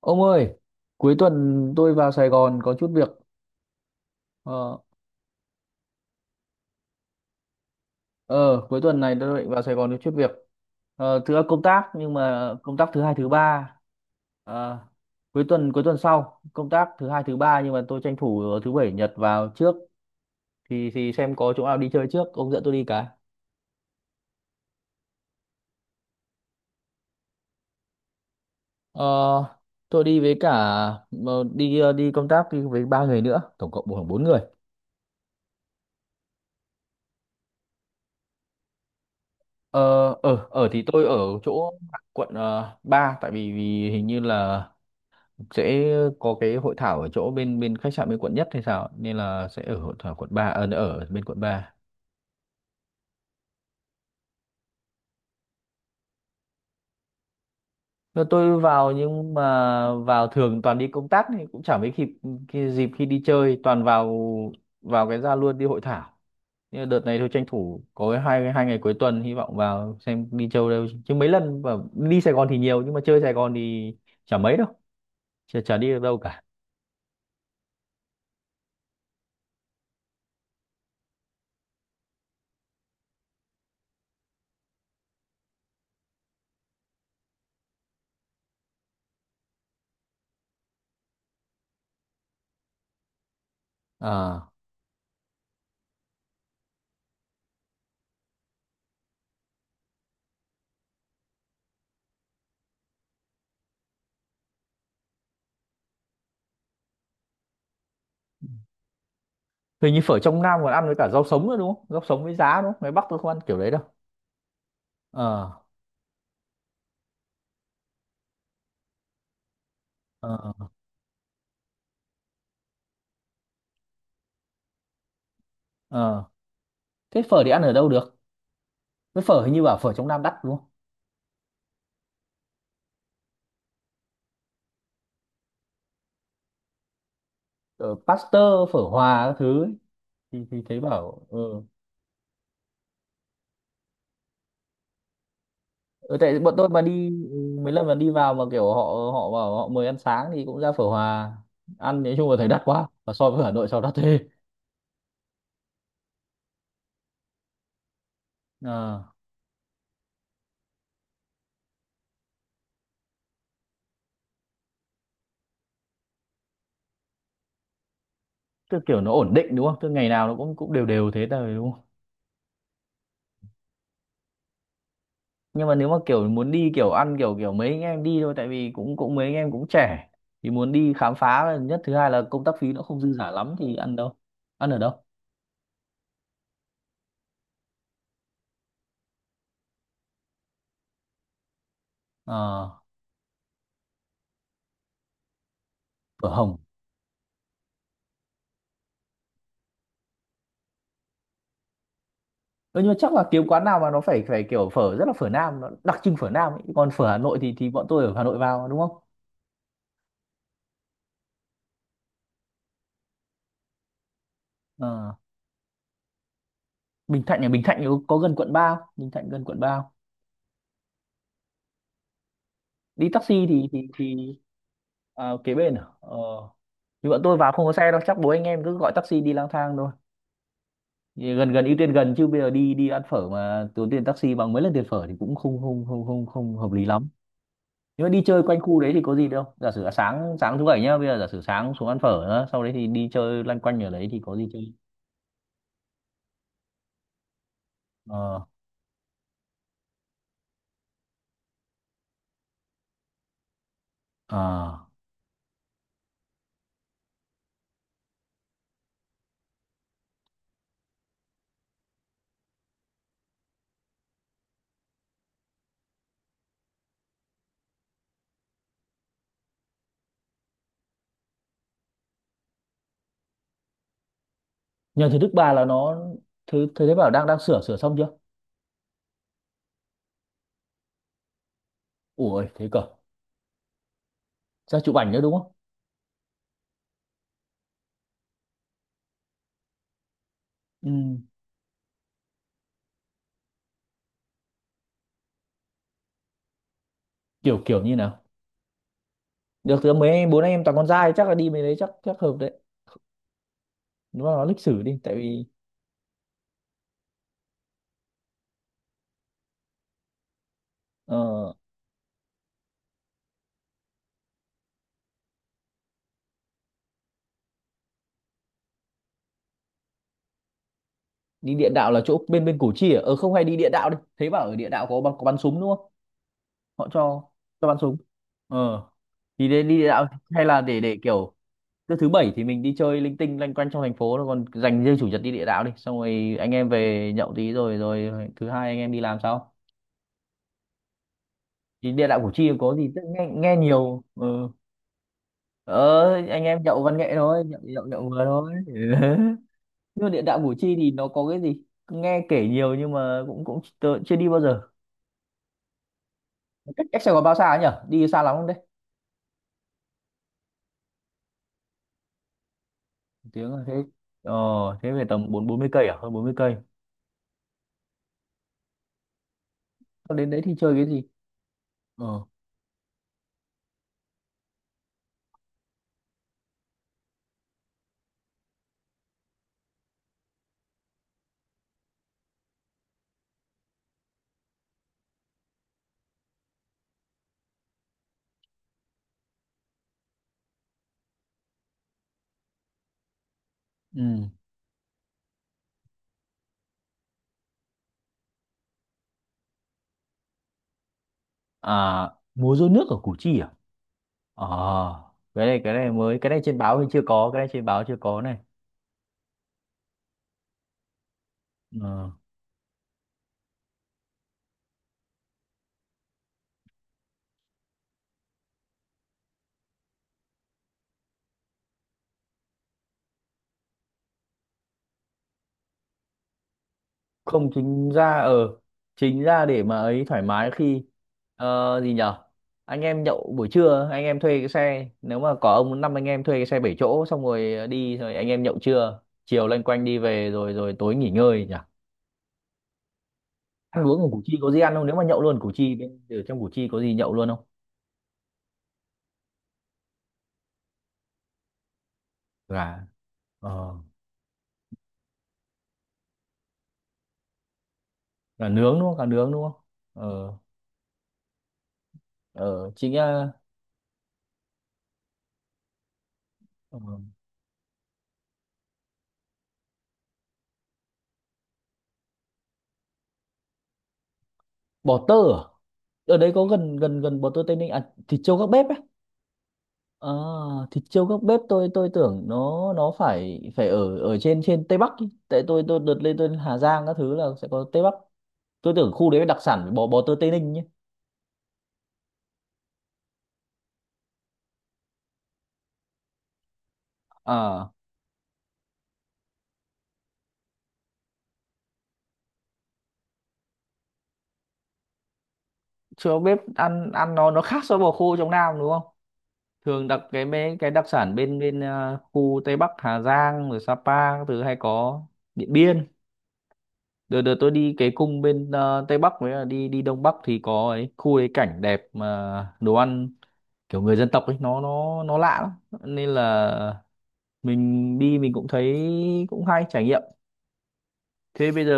Ông ơi, cuối tuần tôi vào Sài Gòn có chút việc. Ờ, ờ cuối tuần này tôi định vào Sài Gòn có chút việc. Ờ, thứ công tác nhưng mà công tác thứ hai thứ ba. Ờ, cuối tuần sau công tác thứ hai thứ ba nhưng mà tôi tranh thủ thứ bảy nhật vào trước thì xem có chỗ nào đi chơi trước. Ông dẫn tôi đi cái. Ờ, tôi đi với cả đi công tác đi với ba người nữa, tổng cộng khoảng bốn người. Ờ, ở ở thì tôi ở chỗ quận 3, tại vì, vì hình như là sẽ có cái hội thảo ở chỗ bên bên khách sạn bên quận nhất hay sao, nên là sẽ ở hội thảo quận ba, ở ở bên quận 3. Rồi tôi vào, nhưng mà vào thường toàn đi công tác thì cũng chẳng mấy kịp cái dịp khi đi chơi, toàn vào vào cái ra luôn đi hội thảo. Nhưng mà đợt này tôi tranh thủ có cái hai hai ngày cuối tuần, hy vọng vào xem đi chơi đâu, chứ mấy lần và đi Sài Gòn thì nhiều nhưng mà chơi Sài Gòn thì chả mấy đâu, chả đi được đâu cả. À, hình như phở trong Nam còn ăn với cả rau sống nữa đúng không? Rau sống với giá đúng không? Ngoài Bắc tôi không ăn kiểu đấy đâu. Ờ. Ờ. Ờ, thế phở thì ăn ở đâu được? Với phở hình như bảo phở trong Nam đắt đúng không? Ở Pasteur, phở Hòa các thứ ấy. Thì thấy bảo ừ. Ừ, tại bọn tôi mà đi, ừ, mấy lần mà đi vào mà kiểu họ, họ bảo họ mời ăn sáng thì cũng ra phở Hòa ăn, nói chung là thấy đắt quá, và so với Hà Nội sao đắt thế. Ờ, tức kiểu nó ổn định đúng không, tức ngày nào nó cũng cũng đều đều thế thôi đúng. Nhưng mà nếu mà kiểu muốn đi kiểu ăn kiểu kiểu mấy anh em đi thôi, tại vì cũng cũng mấy anh em cũng trẻ thì muốn đi khám phá là nhất, thứ hai là công tác phí nó không dư giả lắm thì ăn đâu, ăn ở đâu? Ờ, phở Hồng. Ơ nhưng mà chắc là kiếm quán nào mà nó phải phải kiểu phở rất là phở Nam, nó đặc trưng phở Nam ấy. Còn phở Hà Nội thì bọn tôi ở Hà Nội vào đúng không? Ờ, Bình Thạnh à? Bình Thạnh thì có gần quận 3 không? Bình Thạnh gần quận 3 không? Đi taxi thì thì. À, kế bên à? Ờ, thì bọn tôi vào không có xe đâu, chắc bố anh em cứ gọi taxi đi lang thang thôi. Gần, gần, ưu tiên gần, chứ bây giờ đi đi ăn phở mà tốn tiền taxi bằng mấy lần tiền phở thì cũng không không không không không hợp lý lắm. Nhưng mà đi chơi quanh khu đấy thì có gì đâu, giả sử là sáng sáng thứ bảy nhá, bây giờ giả sử sáng xuống ăn phở nữa, sau đấy thì đi chơi loanh quanh ở đấy thì có gì chơi? Ờ. À, nhờ thứ Đức Bà là nó thứ thứ thế bảo đang đang sửa, sửa xong chưa? Ủa ơi, thế cơ. Ra chụp ảnh nữa đúng không? Ừ. Kiểu kiểu như nào? Được thì mấy bố anh em toàn con trai, chắc là đi mấy đấy chắc chắc hợp đấy. Đúng là nó lịch sử đi, tại vì ờ. Đi địa đạo là chỗ bên bên Củ Chi à? Ờ không, hay đi địa đạo đi, thấy bảo ở địa đạo có bắn, có bắn súng đúng không? Họ cho bắn súng. Ờ, thì đến đi địa đạo. Hay là để kiểu cứ thứ bảy thì mình đi chơi linh tinh loanh quanh trong thành phố, rồi còn dành riêng chủ nhật đi địa đạo, đi xong rồi anh em về nhậu tí rồi rồi thứ hai anh em đi làm sao. Thì địa đạo Củ Chi có gì, tức nghe nghe nhiều ừ. Ờ anh em nhậu văn nghệ thôi, nhậu nhậu nhậu vừa thôi nhưng mà địa đạo Củ Chi thì nó có cái gì? Nghe kể nhiều nhưng mà cũng cũng tớ chưa đi bao giờ. Cách cách Sài Gòn bao xa nhỉ, đi xa lắm không đấy? Một tiếng là thế? Ờ, thế về tầm bốn bốn mươi cây à, hơn bốn mươi cây? Thế đến đấy thì chơi cái gì? Ờ. Ừ. À múa rối nước ở Củ Chi à? Ờ, cái này mới, cái này trên báo thì chưa có, cái này trên báo chưa có này. Ờ. Không chính ra ờ, chính ra để mà ấy thoải mái khi ờ, gì nhở, anh em nhậu buổi trưa, anh em thuê cái xe, nếu mà có ông, năm anh em thuê cái xe bảy chỗ xong rồi đi, rồi anh em nhậu trưa chiều loanh quanh đi về rồi rồi tối nghỉ ngơi nhỉ. Ăn uống ở Củ Chi có gì ăn không, nếu mà nhậu luôn Củ Chi, bên ở trong Củ Chi có gì nhậu luôn không? Gà. Ờ, gà nướng đúng không, gà nướng đúng không? Ờ. Ờ chị nghe. Ờ. Bò tơ à? Ở đấy có gần gần gần bò tơ Tây Ninh à, thịt trâu gác bếp á? À, thịt trâu gác bếp tôi tưởng nó phải phải ở ở trên trên Tây Bắc ý. Tại tôi đợt lên tôi Hà Giang các thứ là sẽ có Tây Bắc. Tôi tưởng khu đấy đặc sản phải bò, bò tơ Tây Ninh nhé. À, trâu gác bếp ăn, ăn nó khác so với bò khô trong Nam đúng không? Thường đặc cái mấy cái đặc sản bên bên à, khu Tây Bắc Hà Giang rồi Sapa các thứ hay có. Điện Biên. Đợt đợt tôi đi cái cung bên à, Tây Bắc với là đi đi Đông Bắc thì có ấy, khu ấy cảnh đẹp mà đồ ăn kiểu người dân tộc ấy nó lạ lắm, nên là mình đi mình cũng thấy cũng hay trải nghiệm. Thế bây giờ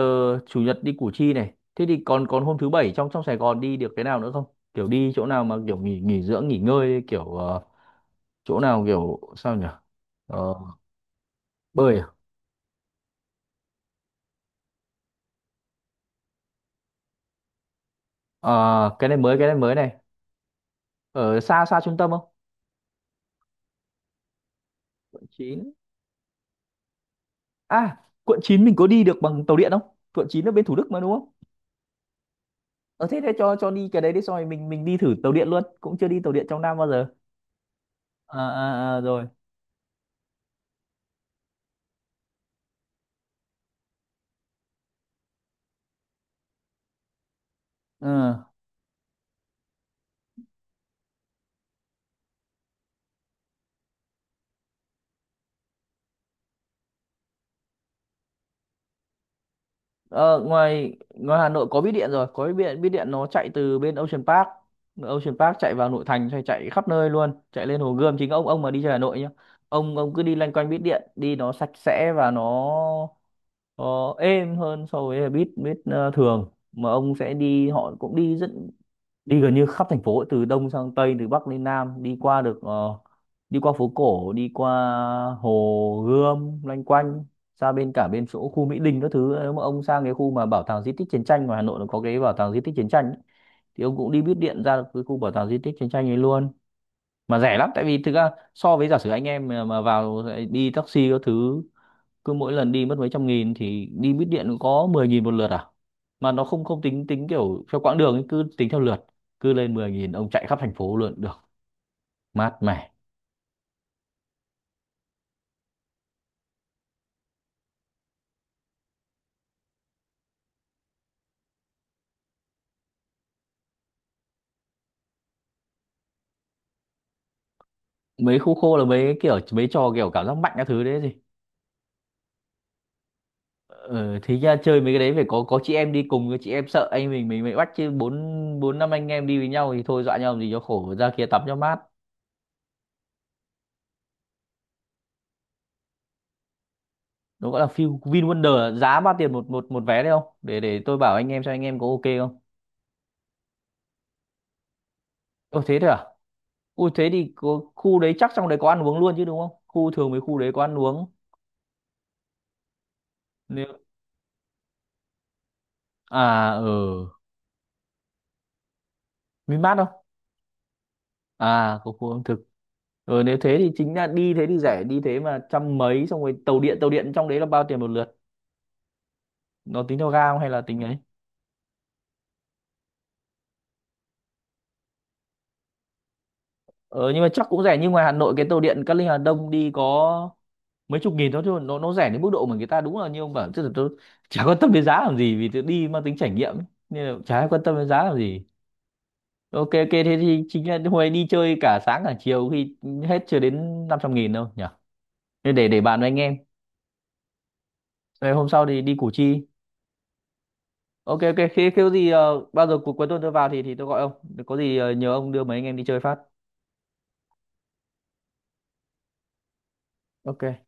chủ nhật đi Củ Chi này, thế thì còn còn hôm thứ bảy trong trong Sài Gòn đi được cái nào nữa không? Kiểu đi chỗ nào mà kiểu nghỉ, nghỉ dưỡng nghỉ ngơi kiểu ờ, chỗ nào kiểu sao nhỉ? Ờ, bơi à? Ờ, cái này mới, cái này mới này. Ở xa, xa trung tâm không? Quận 9 à? Quận 9 mình có đi được bằng tàu điện không? Quận 9 ở bên Thủ Đức mà đúng không? Ờ thế thế cho đi cái đấy đi, xong rồi mình đi thử tàu điện luôn, cũng chưa đi tàu điện trong Nam bao giờ. À, à, à rồi. Ừ. Ờ, ngoài ngoài Hà Nội có bít điện rồi, có bít điện, bít điện nó chạy từ bên Ocean Park, Ocean Park chạy vào nội thành, chạy, chạy khắp nơi luôn, chạy lên Hồ Gươm, chính ông mà đi chơi Hà Nội nhá, ông cứ đi loanh quanh bít điện đi, nó sạch sẽ và nó Ờ, êm hơn so với buýt, buýt ờ, thường mà ông sẽ đi, họ cũng đi rất, đi gần như khắp thành phố, từ đông sang tây, từ bắc lên nam, đi qua được ờ, đi qua phố cổ, đi qua hồ Gươm loanh quanh ra bên, cả bên chỗ khu Mỹ Đình các thứ. Nếu mà ông sang cái khu mà bảo tàng di tích chiến tranh, mà Hà Nội nó có cái bảo tàng di tích chiến tranh ấy, thì ông cũng đi buýt điện ra được cái khu bảo tàng di tích chiến tranh ấy luôn. Mà rẻ lắm, tại vì thực ra so với giả sử anh em mà vào đi taxi các thứ, cứ mỗi lần đi mất mấy trăm nghìn, thì đi buýt điện có 10 nghìn một lượt à. Mà nó không, không tính, tính kiểu theo quãng đường ấy, cứ tính theo lượt. Cứ lên 10 nghìn ông chạy khắp thành phố luôn được, mát mẻ. Mấy khu khô là mấy cái kiểu mấy trò kiểu cảm giác mạnh các thứ đấy gì? Ờ, thế nha chơi mấy cái đấy phải có chị em đi cùng, chị em sợ anh mình bị bắt chứ bốn, bốn năm anh em đi với nhau thì thôi dọa nhau làm gì cho khổ, ra kia tắm cho mát. Nó gọi là Vin, Vin Wonder, giá bao tiền một một một vé đấy không, để để tôi bảo anh em xem anh em có ok không? Ồ thế thôi à? Ui thế thì có, khu đấy chắc trong đấy có ăn uống luôn chứ đúng không? Khu thường mấy khu đấy có ăn uống. Nếu à ở ừ. Vinmart không? À có khu ẩm thực. Ừ, nếu thế thì chính là đi, thế thì rẻ, đi thế mà trăm mấy, xong rồi tàu điện, tàu điện trong đấy là bao tiền một lượt? Nó tính theo ga không hay là tính ấy? Ờ nhưng mà chắc cũng rẻ, nhưng ngoài Hà Nội cái tàu điện Cát Linh Hà Đông đi có mấy chục nghìn thôi, chứ nó rẻ đến mức độ mà người ta đúng là như ông bảo, chứ tôi chả quan tâm đến giá làm gì, vì tôi đi mang tính trải nghiệm ấy. Nên là chả ai quan tâm đến giá làm gì. Ok, ok, thế thì chính là hôm ấy đi chơi cả sáng cả chiều khi hết chưa đến 500 nghìn đâu nhỉ. Thế để bàn với anh em. Rồi hôm sau thì đi Củ Chi. Ok ok, khi khi có gì ờ, bao giờ cuối tuần tôi vào thì tôi gọi ông, có gì ờ, nhờ ông đưa mấy anh em đi chơi phát. Ok.